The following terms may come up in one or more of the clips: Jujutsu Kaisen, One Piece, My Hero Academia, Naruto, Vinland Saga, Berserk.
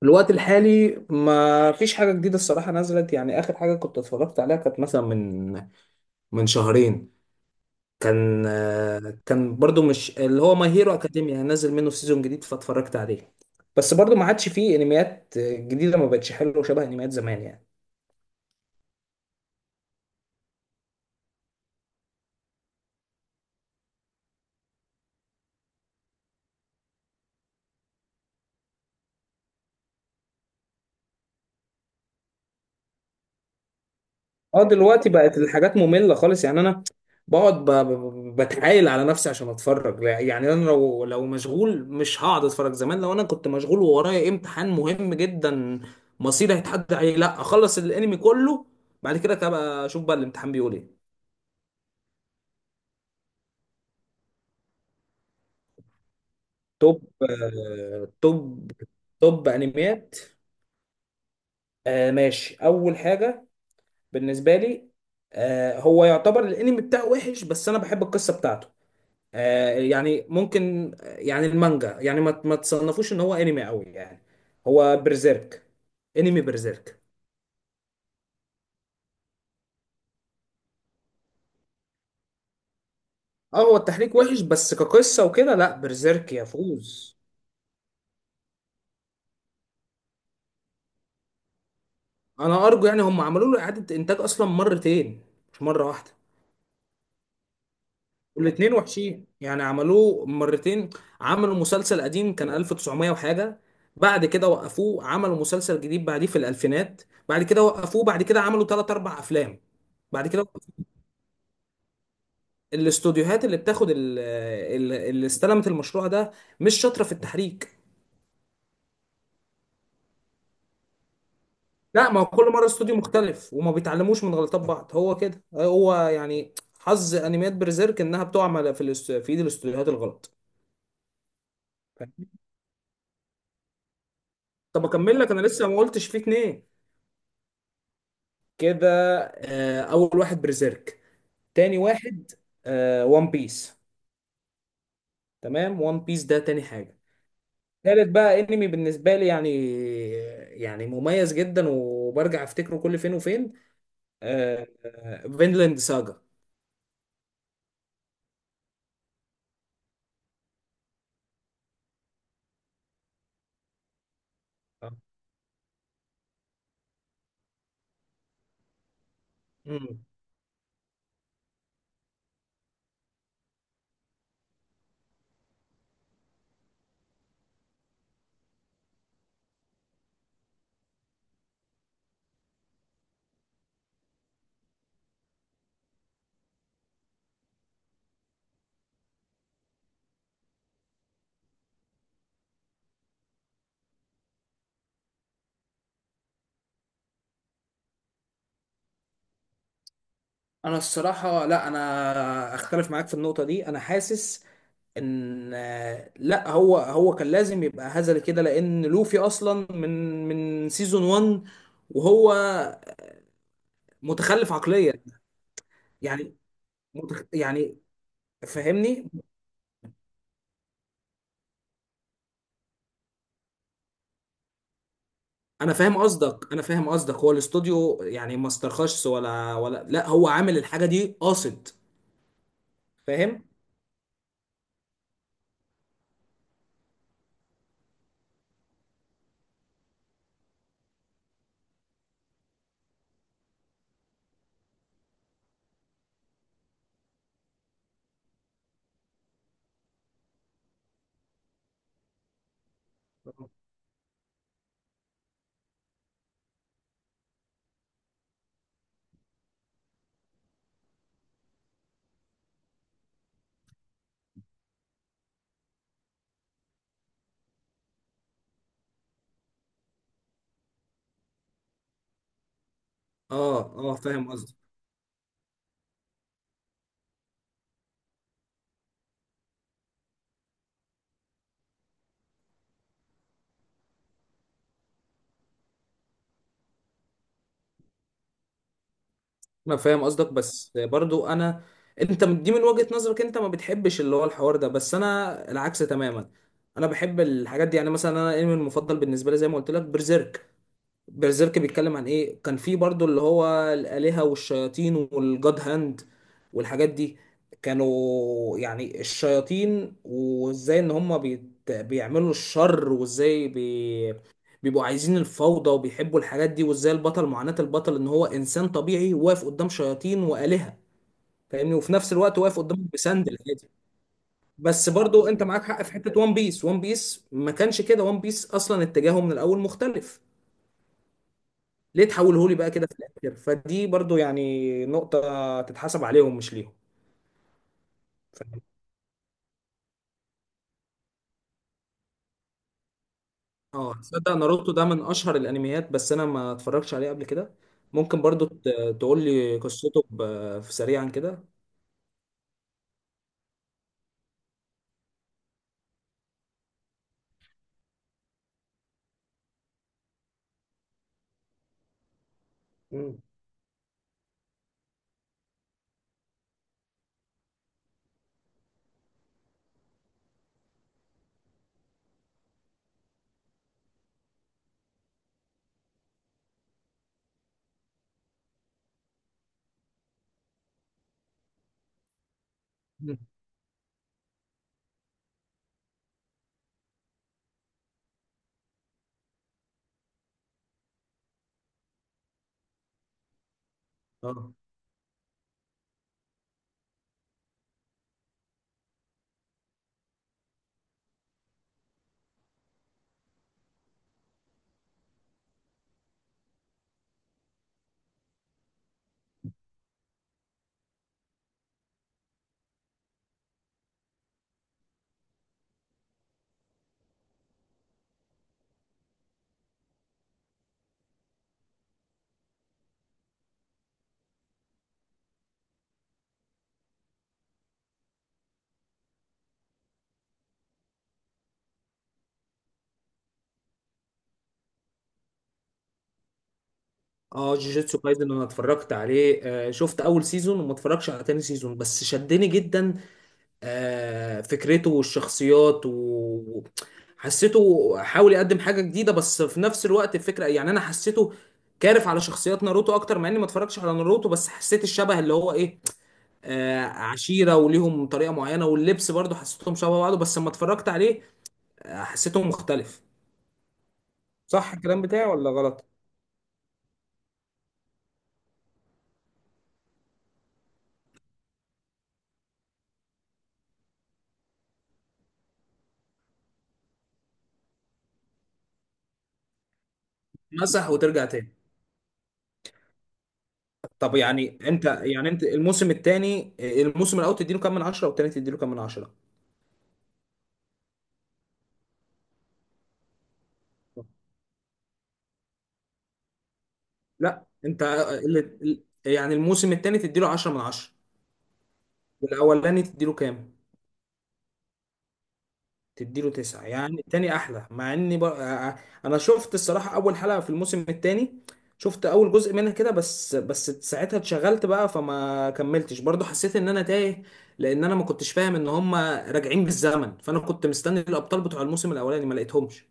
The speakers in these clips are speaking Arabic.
في الوقت الحالي ما فيش حاجة جديدة الصراحة نزلت، يعني آخر حاجة كنت اتفرجت عليها كانت مثلا من شهرين. كان برضو مش اللي هو ماي هيرو أكاديميا نزل منه سيزون جديد فاتفرجت عليه. بس برضو ما عادش فيه انميات جديدة، ما بقتش حلوة شبه انميات زمان يعني. اه، دلوقتي بقت الحاجات مملة خالص. يعني انا بقعد بتعايل على نفسي عشان اتفرج. يعني انا لو مشغول مش هقعد اتفرج. زمان لو انا كنت مشغول وورايا امتحان مهم جدا مصيري هيتحدد عليه، لا اخلص الانمي كله بعد كده، كده اشوف بقى الامتحان بيقول ايه. توب توب انميات. ماشي، اول حاجة بالنسبة لي، هو يعتبر الانمي بتاعه وحش بس انا بحب القصة بتاعته. يعني ممكن، يعني المانجا، يعني ما تصنفوش ان هو انمي قوي يعني. هو برزيرك، انمي برزيرك. اه، هو التحريك وحش بس كقصة وكده لا، برزيرك يفوز. انا ارجو، يعني هم عملوا له اعادة انتاج اصلا مرتين مش مرة واحدة. والاتنين وحشين يعني، عملوه مرتين. عملوا مسلسل قديم كان 1900 وحاجة، بعد كده وقفوه عملوا مسلسل جديد بعديه في الالفينات، بعد كده وقفوه بعد كده عملوا ثلاث اربع افلام بعد كده. الاستوديوهات اللي بتاخد اللي استلمت المشروع ده مش شاطره في التحريك. لا، ما هو كل مره استوديو مختلف وما بيتعلموش من غلطات بعض، هو كده. هو يعني حظ انميات برزيرك انها بتقع في ايد الاستوديوهات الغلط. طب اكمل لك، انا لسه ما قلتش فيه اتنين كده. اول واحد برزيرك، تاني واحد وان بيس. تمام، وان بيس ده تاني حاجه. تالت بقى انمي بالنسبه لي، يعني يعني مميز جدا وبرجع افتكره كل فين وفين، فينلاند ساجا. آه. مم. انا الصراحه لا، انا اختلف معاك في النقطه دي. انا حاسس ان، لا هو هو كان لازم يبقى هزل كده، لان لوفي اصلا من سيزون 1 وهو متخلف عقليا يعني. يعني فاهمني. انا فاهم قصدك، انا فاهم قصدك. هو الاستوديو يعني ما استرخصش ولا لا، هو عامل الحاجه دي قاصد. فاهم. اه اه، فاهم. انا فاهم قصدك بس برضو انا، انت دي من وجهة نظرك انت، ما بتحبش اللي هو الحوار ده، بس انا العكس تماما. انا بحب الحاجات دي يعني. مثلا انا الانمي المفضل بالنسبه لي زي ما قلت لك برزيرك. برزيرك بيتكلم عن ايه؟ كان في برضو اللي هو الآلهة والشياطين والجاد هاند والحاجات دي. كانوا يعني الشياطين، وازاي ان هم بيعملوا الشر، وازاي بيبقوا عايزين الفوضى وبيحبوا الحاجات دي، وازاي البطل، معاناة البطل ان هو انسان طبيعي واقف قدام شياطين وآلهة، فاهمني؟ وفي نفس الوقت واقف قدام بسندل عادي. بس برضو انت معاك حق في حتة وان بيس. وان بيس ما كانش كده، وان بيس اصلا اتجاهه من الاول مختلف، ليه تحوله لي بقى كده في الاخر؟ فدي برضو يعني نقطة تتحسب عليهم مش ليهم. اه، تصدق ناروتو ده من اشهر الانميات بس انا ما اتفرجتش عليه قبل كده. ممكن برضو تقول لي قصته في سريعا كده؟ مم. مم. اه اه، جوجيتسو كايزن، انا اتفرجت عليه. شفت اول سيزون وما اتفرجش على تاني سيزون، بس شدني جدا. فكرته والشخصيات و حسيته، حاول يقدم حاجة جديدة بس في نفس الوقت الفكرة يعني. أنا حسيته كارف على شخصيات ناروتو أكتر، مع إني ما اتفرجتش على ناروتو، بس حسيت الشبه اللي هو إيه، عشيرة وليهم طريقة معينة، واللبس برضو حسيتهم شبه بعض، بس لما اتفرجت عليه حسيته مختلف. صح الكلام بتاعي ولا غلط؟ مسح وترجع تاني. طب يعني أنت، يعني أنت الموسم التاني، الموسم الأول تديله كام من عشرة والتاني تديله كام من عشرة؟ لا، انت يعني الموسم الثاني تديله 10 من 10 والاولاني تديله كام؟ تديله 9؟ يعني الثاني احلى. مع اني بقى انا شفت الصراحه اول حلقه في الموسم الثاني، شفت اول جزء منها كده بس ساعتها اتشغلت بقى فما كملتش. برضو حسيت ان انا تايه، لان انا ما كنتش فاهم ان هم راجعين بالزمن، فانا كنت مستني الابطال بتوع الموسم الاولاني ما لقيتهمش.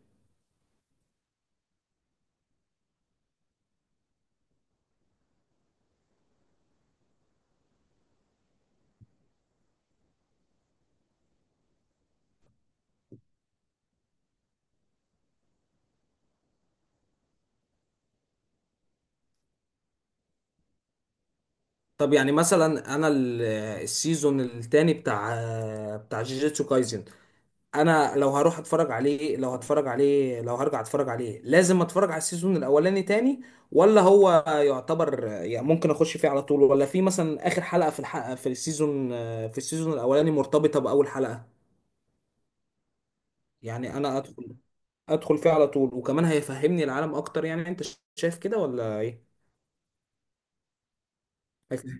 طب يعني مثلا انا السيزون الثاني بتاع، بتاع جيجيتسو كايزن، انا لو هروح اتفرج عليه، لو هتفرج عليه، لو هرجع اتفرج عليه، لازم اتفرج على السيزون الاولاني تاني ولا هو يعتبر يعني ممكن اخش فيه على طول؟ ولا في مثلا اخر حلقة في الحلقة في السيزون، الاولاني مرتبطة باول حلقة؟ يعني انا ادخل، فيه على طول، وكمان هيفهمني العالم اكتر، يعني انت شايف كده ولا ايه؟ هيفهم.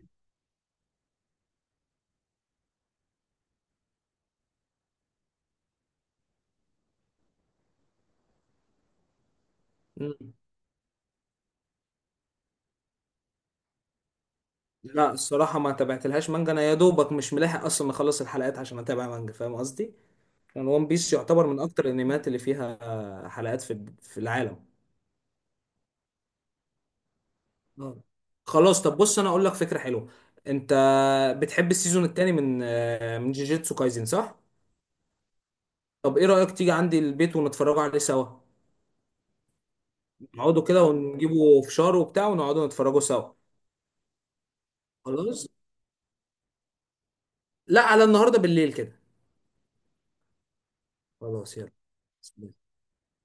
مم. لا، الصراحة ما تابعتلهاش مانجا. انا يا دوبك مش ملاحق اصلا اخلص الحلقات عشان اتابع مانجا، فاهم قصدي؟ كان ون بيس يعتبر من اكتر الانميات اللي فيها حلقات في العالم. اه. خلاص، طب بص انا اقول لك فكره حلوه. انت بتحب السيزون التاني من، من جيجيتسو كايزن، صح؟ طب ايه رايك تيجي عندي البيت ونتفرجوا عليه سوا؟ نقعدوا كده ونجيبوا فشار وبتاع ونقعدوا نتفرجوا سوا. خلاص، لا على النهارده بالليل كده. خلاص، يلا.